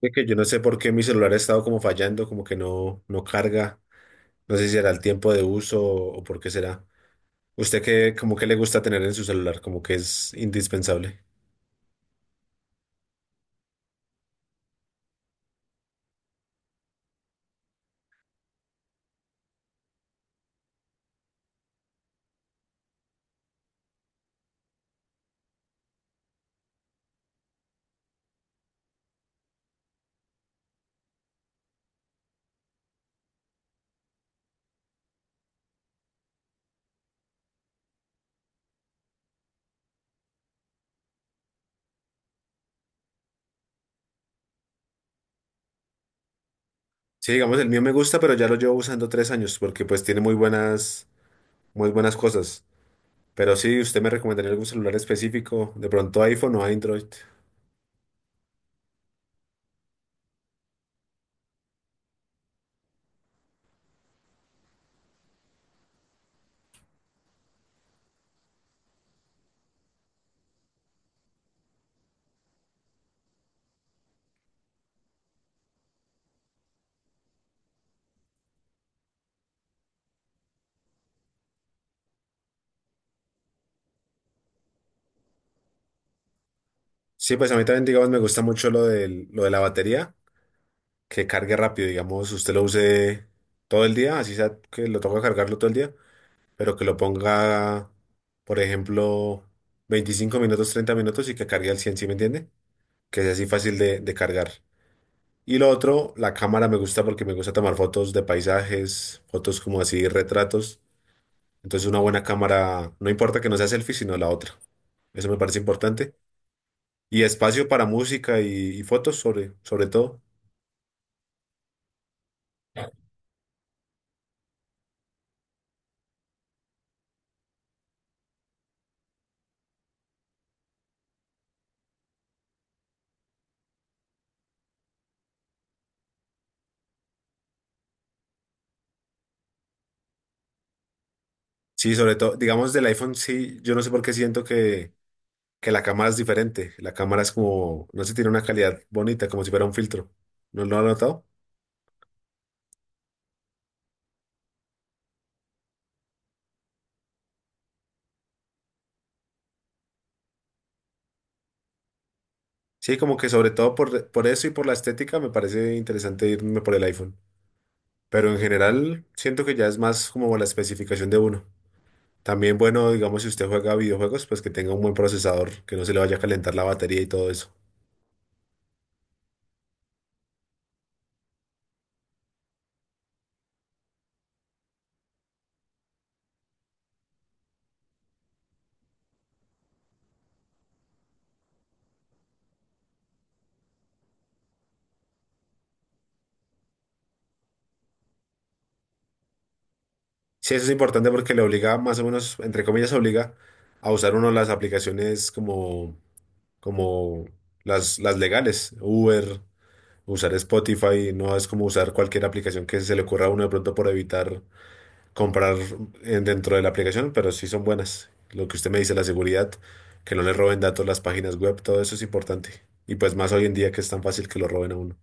De que yo no sé por qué mi celular ha estado como fallando, como que no, no carga. No sé si será el tiempo de uso o, por qué será. ¿Usted qué, como que le gusta tener en su celular? Como que es indispensable. Sí, digamos, el mío me gusta, pero ya lo llevo usando 3 años porque pues tiene muy buenas cosas. Pero sí, ¿usted me recomendaría algún celular específico? De pronto iPhone o Android. Sí, pues a mí también, digamos, me gusta mucho lo de la batería, que cargue rápido, digamos, usted lo use todo el día, así sea que lo toca cargarlo todo el día, pero que lo ponga, por ejemplo, 25 minutos, 30 minutos y que cargue al cien. ¿Sí me entiende? Que sea así fácil de cargar. Y lo otro, la cámara me gusta porque me gusta tomar fotos de paisajes, fotos como así, retratos. Entonces una buena cámara, no importa que no sea selfie, sino la otra. Eso me parece importante. Y espacio para música y fotos sobre todo. Sí, sobre todo, digamos del iPhone, sí, yo no sé por qué siento que la cámara es diferente. La cámara es como, no sé, tiene una calidad bonita, como si fuera un filtro. ¿No lo has notado? Sí, como que sobre todo por eso y por la estética me parece interesante irme por el iPhone. Pero en general siento que ya es más como la especificación de uno. También bueno, digamos, si usted juega videojuegos, pues que tenga un buen procesador, que no se le vaya a calentar la batería y todo eso. Sí, eso es importante porque le obliga, más o menos, entre comillas, obliga a usar uno las aplicaciones como las legales, Uber. Usar Spotify no es como usar cualquier aplicación que se le ocurra a uno de pronto por evitar comprar dentro de la aplicación, pero sí son buenas. Lo que usted me dice, la seguridad, que no le roben datos las páginas web, todo eso es importante. Y pues más hoy en día que es tan fácil que lo roben a uno.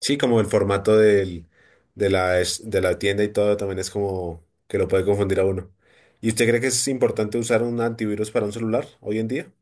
Sí, como el formato del, de la, es- de la tienda y todo también es como que lo puede confundir a uno. ¿Y usted cree que es importante usar un antivirus para un celular hoy en día?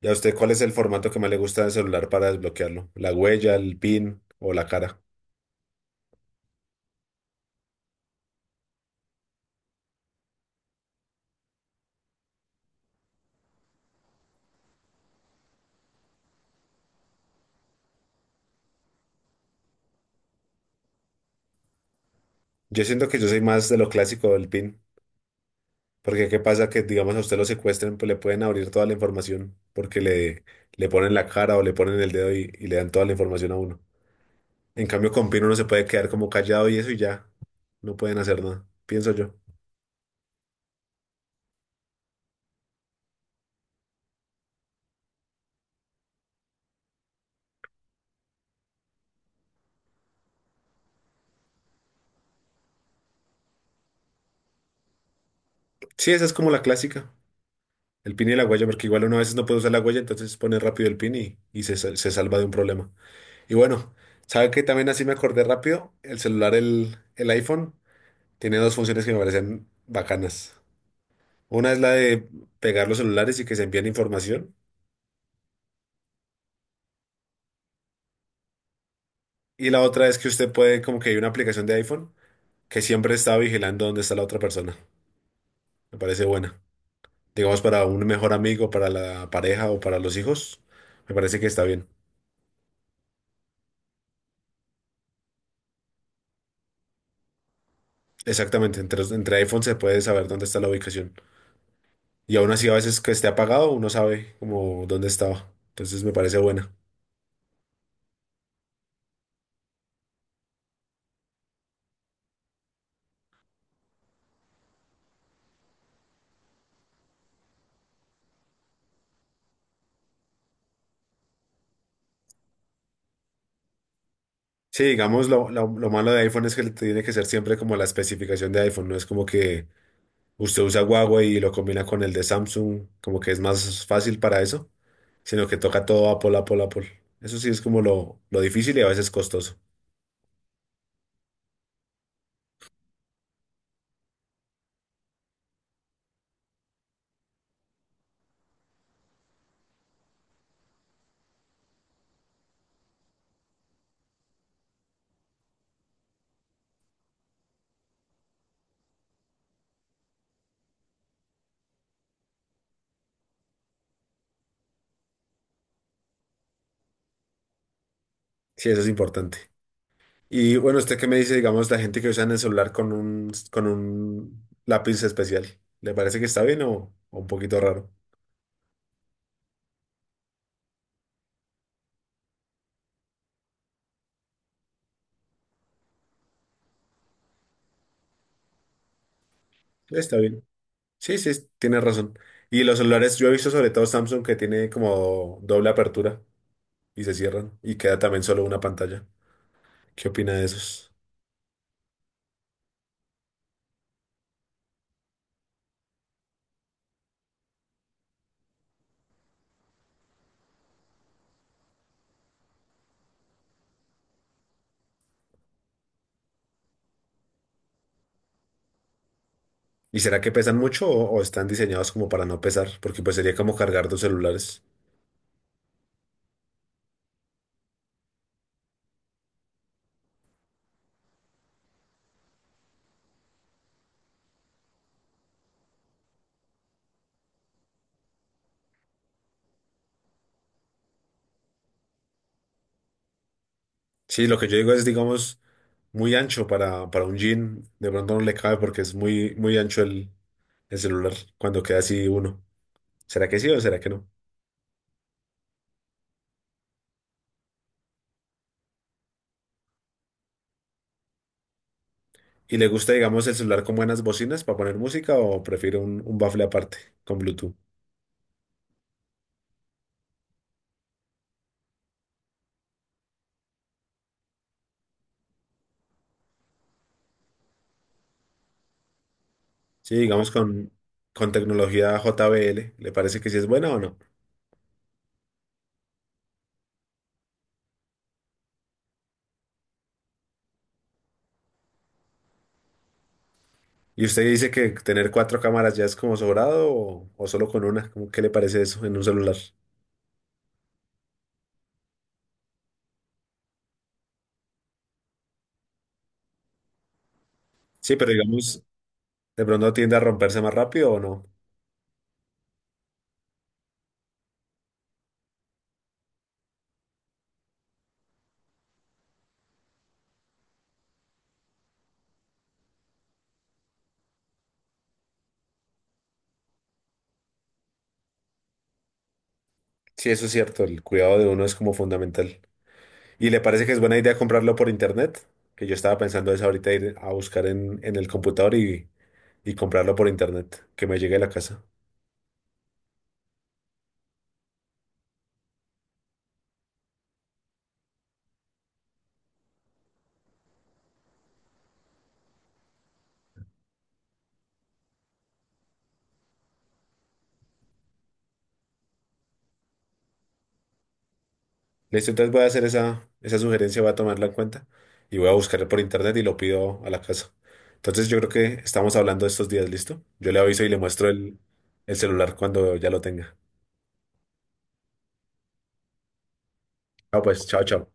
¿Y a usted cuál es el formato que más le gusta del celular para desbloquearlo? ¿La huella, el PIN o la cara? Yo siento que yo soy más de lo clásico del PIN, porque qué pasa que, digamos, a usted lo secuestren, pues le pueden abrir toda la información, porque le ponen la cara o le ponen el dedo y le dan toda la información a uno. En cambio, con PIN uno se puede quedar como callado y eso y ya, no pueden hacer nada, pienso yo. Sí, esa es como la clásica, el PIN y la huella, porque igual uno a veces no puede usar la huella, entonces pone rápido el PIN y se salva de un problema. Y bueno, ¿sabe que también así me acordé rápido? El celular, el iPhone, tiene dos funciones que me parecen bacanas. Una es la de pegar los celulares y que se envíen información. Y la otra es que usted puede, como que hay una aplicación de iPhone que siempre está vigilando dónde está la otra persona. Me parece buena. Digamos, para un mejor amigo, para la pareja o para los hijos, me parece que está bien. Exactamente, entre, iPhone se puede saber dónde está la ubicación. Y aún así, a veces que esté apagado, uno sabe como dónde estaba. Entonces me parece buena. Sí, digamos, lo malo de iPhone es que tiene que ser siempre como la especificación de iPhone. No es como que usted usa Huawei y lo combina con el de Samsung, como que es más fácil para eso, sino que toca todo Apple, Apple, Apple. Eso sí es como lo difícil y a veces costoso. Sí, eso es importante. Y bueno, ¿usted qué me dice, digamos, la gente que usa en el celular con con un lápiz especial? ¿Le parece que está bien o un poquito raro? Está bien. Sí, sí, tiene razón. Y los celulares, yo he visto sobre todo Samsung que tiene como doble apertura y se cierran y queda también solo una pantalla. ¿Qué opina de esos? ¿Y será que pesan mucho o están diseñados como para no pesar? Porque pues sería como cargar dos celulares. Sí, lo que yo digo es, digamos, muy ancho para un jean. De pronto no le cabe porque es muy, muy ancho el celular cuando queda así uno. ¿Será que sí o será que no? ¿Y le gusta, digamos, el celular con buenas bocinas para poner música o prefiere un bafle aparte con Bluetooth? Sí, digamos con tecnología JBL. ¿Le parece que sí es buena o no? ¿Y usted dice que tener cuatro cámaras ya es como sobrado o solo con una? ¿Qué le parece eso en un celular? Sí, pero digamos, de pronto tiende a romperse más rápido o no. Sí, eso es cierto, el cuidado de uno es como fundamental. ¿Y le parece que es buena idea comprarlo por internet? Que yo estaba pensando eso ahorita, ir a buscar en el computador y comprarlo por internet, que me llegue a la casa. Listo, entonces voy a hacer esa sugerencia, voy a tomarla en cuenta y voy a buscar por internet y lo pido a la casa. Entonces yo creo que estamos hablando estos días, ¿listo? Yo le aviso y le muestro el celular cuando ya lo tenga. Ah, pues, chao, chao.